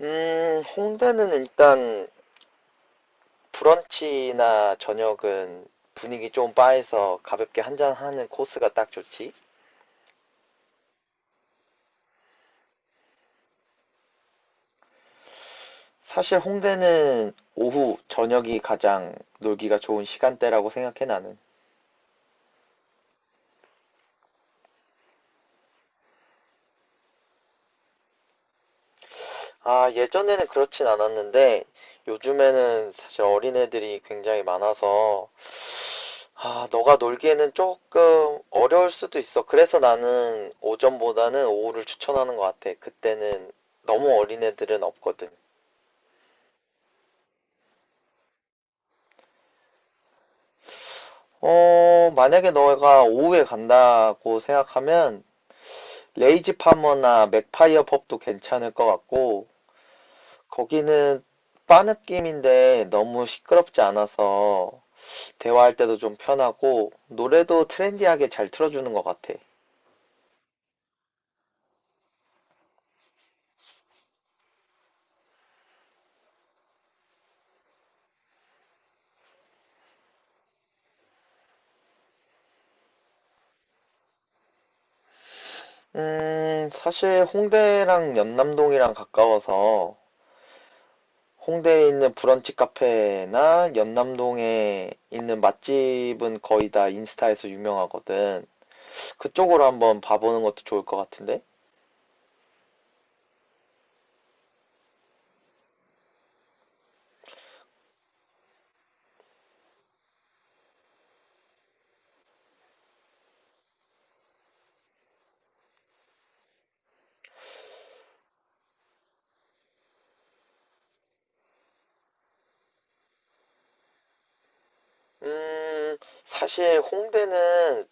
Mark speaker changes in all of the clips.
Speaker 1: 홍대는 일단 브런치나 저녁은 분위기 좀 바에서 가볍게 한잔하는 코스가 딱 좋지. 사실 홍대는 오후, 저녁이 가장 놀기가 좋은 시간대라고 생각해 나는. 아, 예전에는 그렇진 않았는데 요즘에는 사실 어린애들이 굉장히 많아서 아, 너가 놀기에는 조금 어려울 수도 있어. 그래서 나는 오전보다는 오후를 추천하는 것 같아. 그때는 너무 어린애들은 없거든. 어, 만약에 너가 오후에 간다고 생각하면 레이지 파머나 맥파이어 펍도 괜찮을 것 같고, 거기는 바 느낌인데 너무 시끄럽지 않아서 대화할 때도 좀 편하고 노래도 트렌디하게 잘 틀어주는 것 같아. 사실 홍대랑 연남동이랑 가까워서 홍대에 있는 브런치 카페나 연남동에 있는 맛집은 거의 다 인스타에서 유명하거든. 그쪽으로 한번 봐보는 것도 좋을 것 같은데? 음, 사실 홍대는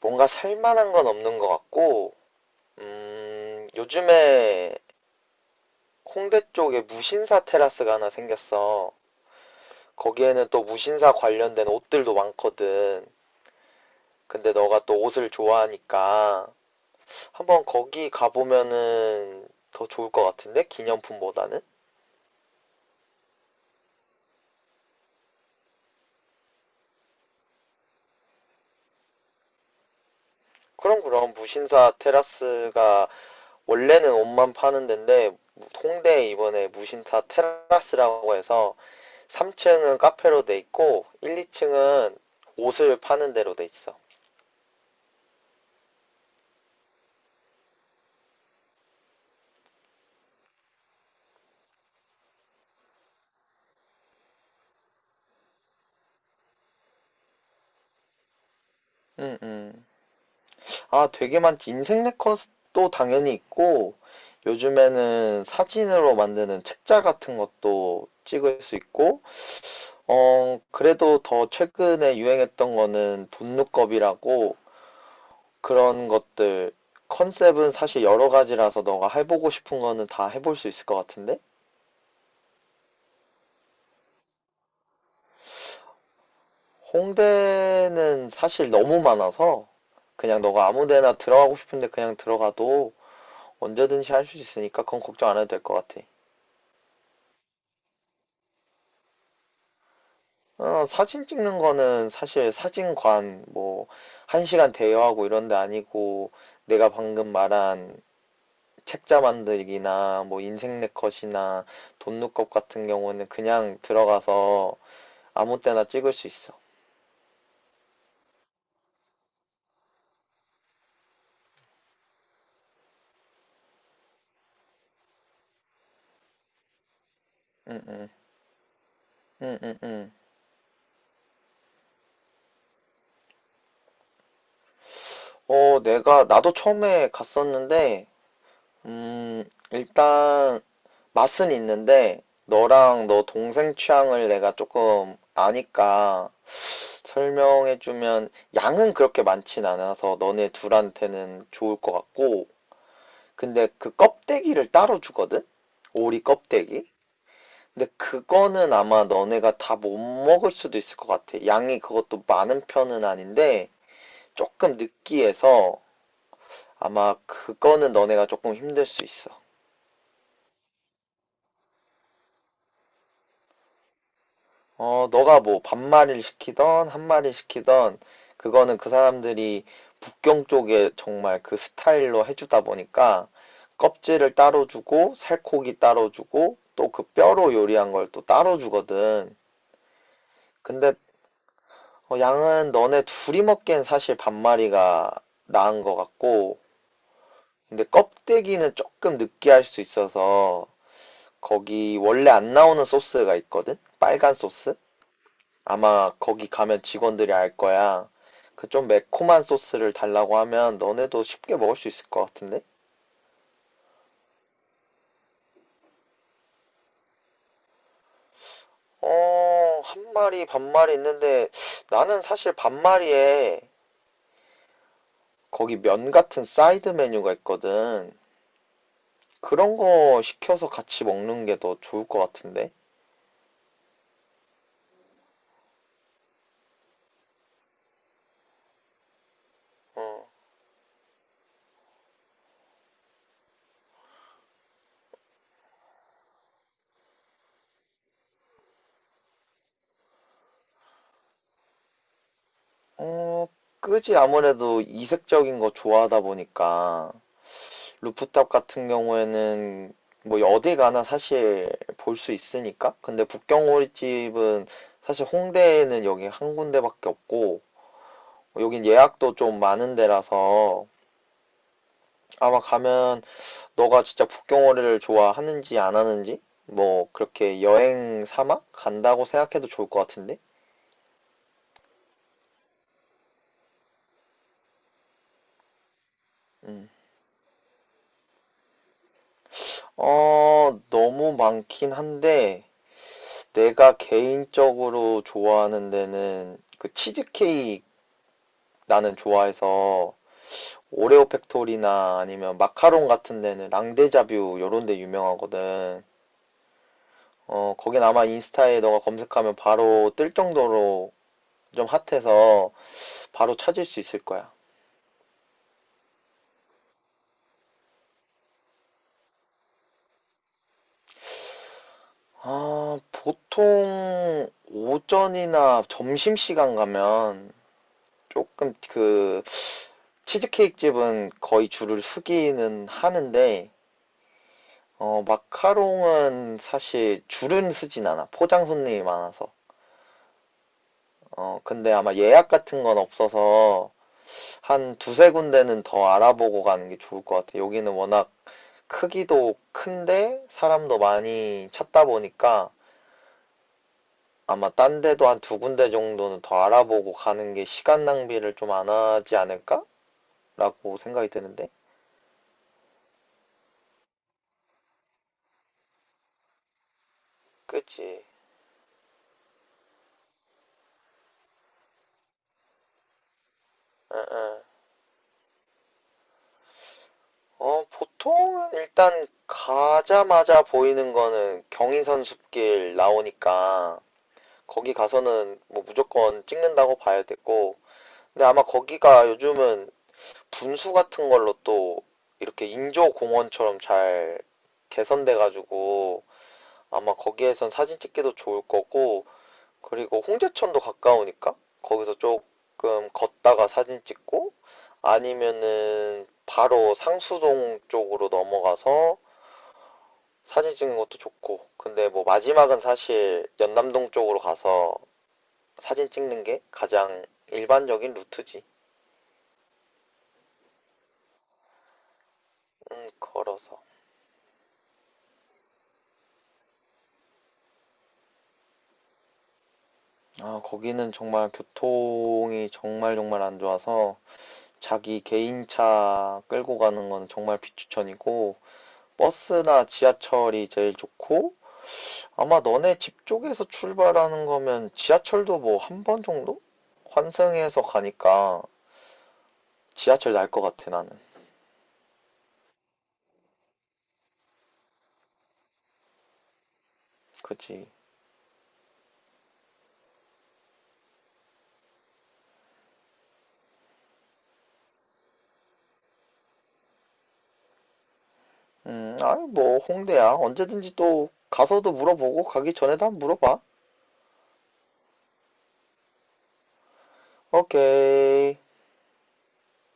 Speaker 1: 뭔가 살만한 건 없는 것 같고, 요즘에 홍대 쪽에 무신사 테라스가 하나 생겼어. 거기에는 또 무신사 관련된 옷들도 많거든. 근데 너가 또 옷을 좋아하니까 한번 거기 가보면은 더 좋을 것 같은데? 기념품보다는? 그럼 무신사 테라스가 원래는 옷만 파는 데인데 홍대에 이번에 무신사 테라스라고 해서 3층은 카페로 돼 있고 1, 2층은 옷을 파는 데로 돼 있어. 음, 음. 아, 되게 많지. 인생 네컷도 당연히 있고 요즘에는 사진으로 만드는 책자 같은 것도 찍을 수 있고 어, 그래도 더 최근에 유행했던 거는 돈룩겁이라고 그런 것들 컨셉은 사실 여러 가지라서 너가 해보고 싶은 거는 다 해볼 수 있을 것 같은데 홍대는 사실 너무 많아서 그냥 너가 아무 데나 들어가고 싶은데 그냥 들어가도 언제든지 할 수 있으니까 그건 걱정 안 해도 될 것 같아. 어, 사진 찍는 거는 사실 사진관 뭐 한 시간 대여하고 이런 데 아니고 내가 방금 말한 책자 만들기나 뭐 인생 네컷이나 돈룩업 같은 경우는 그냥 들어가서 아무 때나 찍을 수 있어. 음, 음, 음, 음, 음. 어, 나도 처음에 갔었는데, 음, 일단, 맛은 있는데, 너랑 너 동생 취향을 내가 조금 아니까 설명해주면, 양은 그렇게 많진 않아서 너네 둘한테는 좋을 것 같고, 근데 그 껍데기를 따로 주거든? 오리 껍데기? 근데 그거는 아마 너네가 다 못 먹을 수도 있을 것 같아. 양이 그것도 많은 편은 아닌데, 조금 느끼해서 아마 그거는 너네가 조금 힘들 수 있어. 어, 너가 뭐 반말을 시키던 한말을 시키던 그거는 그 사람들이 북경 쪽에 정말 그 스타일로 해주다 보니까 껍질을 따로 주고 살코기 따로 주고 또 그 뼈로 요리한 걸 또 따로 주거든. 근데 어, 양은 너네 둘이 먹기엔 사실 반마리가 나은 것 같고, 근데 껍데기는 조금 느끼할 수 있어서 거기 원래 안 나오는 소스가 있거든? 빨간 소스? 아마 거기 가면 직원들이 알 거야. 그 좀 매콤한 소스를 달라고 하면 너네도 쉽게 먹을 수 있을 것 같은데? 어, 한 마리, 반마리 있는데 나는 사실 반마리에 거기 면 같은 사이드 메뉴가 있거든. 그런 거 시켜서 같이 먹는 게 더 좋을 것 같은데? 어, 어, 끄지 아무래도 이색적인 거 좋아하다 보니까 루프탑 같은 경우에는 뭐 어딜 가나 사실 볼 수 있으니까. 근데 북경오리집은 사실 홍대에는 여기 한 군데밖에 없고 여긴 예약도 좀 많은 데라서 아마 가면 너가 진짜 북경오리를 좋아하는지 안 하는지 뭐 그렇게 여행 삼아 간다고 생각해도 좋을 것 같은데. 음. 어, 너무 많긴 한데 내가 개인적으로 좋아하는 데는 그 치즈케이크 나는 좋아해서 오레오 팩토리나 아니면 마카롱 같은 데는 랑데자뷰 요런 데 유명하거든. 어, 거긴 아마 인스타에 너가 검색하면 바로 뜰 정도로 좀 핫해서 바로 찾을 수 있을 거야. 아, 보통 오전이나 점심시간 가면 조금 그 치즈케이크 집은 거의 줄을 서기는 하는데 어, 마카롱은 사실 줄은 서진 않아. 포장 손님이 많아서. 어, 근데 아마 예약 같은 건 없어서 한 두세 군데는 더 알아보고 가는 게 좋을 것 같아요. 여기는 워낙 크기도 큰데 사람도 많이 찾다 보니까 아마 딴 데도 한 두 군데 정도는 더 알아보고 가는 게 시간 낭비를 좀 안 하지 않을까라고 생각이 드는데. 그치? 응, 응. 어, 보통은 일단 가자마자 보이는 거는 경인선 숲길 나오니까 거기 가서는 뭐 무조건 찍는다고 봐야 되고 근데 아마 거기가 요즘은 분수 같은 걸로 또 이렇게 인조 공원처럼 잘 개선돼 가지고 아마 거기에선 사진 찍기도 좋을 거고 그리고 홍제천도 가까우니까 거기서 조금 걷다가 사진 찍고 아니면은 바로 상수동 쪽으로 넘어가서 사진 찍는 것도 좋고 근데 뭐 마지막은 사실 연남동 쪽으로 가서 사진 찍는 게 가장 일반적인 루트지. 걸어서. 아, 거기는 정말 교통이 정말 정말 안 좋아서 자기 개인차 끌고 가는 건 정말 비추천이고 버스나 지하철이 제일 좋고 아마 너네 집 쪽에서 출발하는 거면 지하철도 뭐 한 번 정도? 환승해서 가니까 지하철 날 것 같아 나는. 그치? 아니 뭐 홍대야 언제든지 또 가서도 물어보고 가기 전에도 한번 물어봐. 오케이.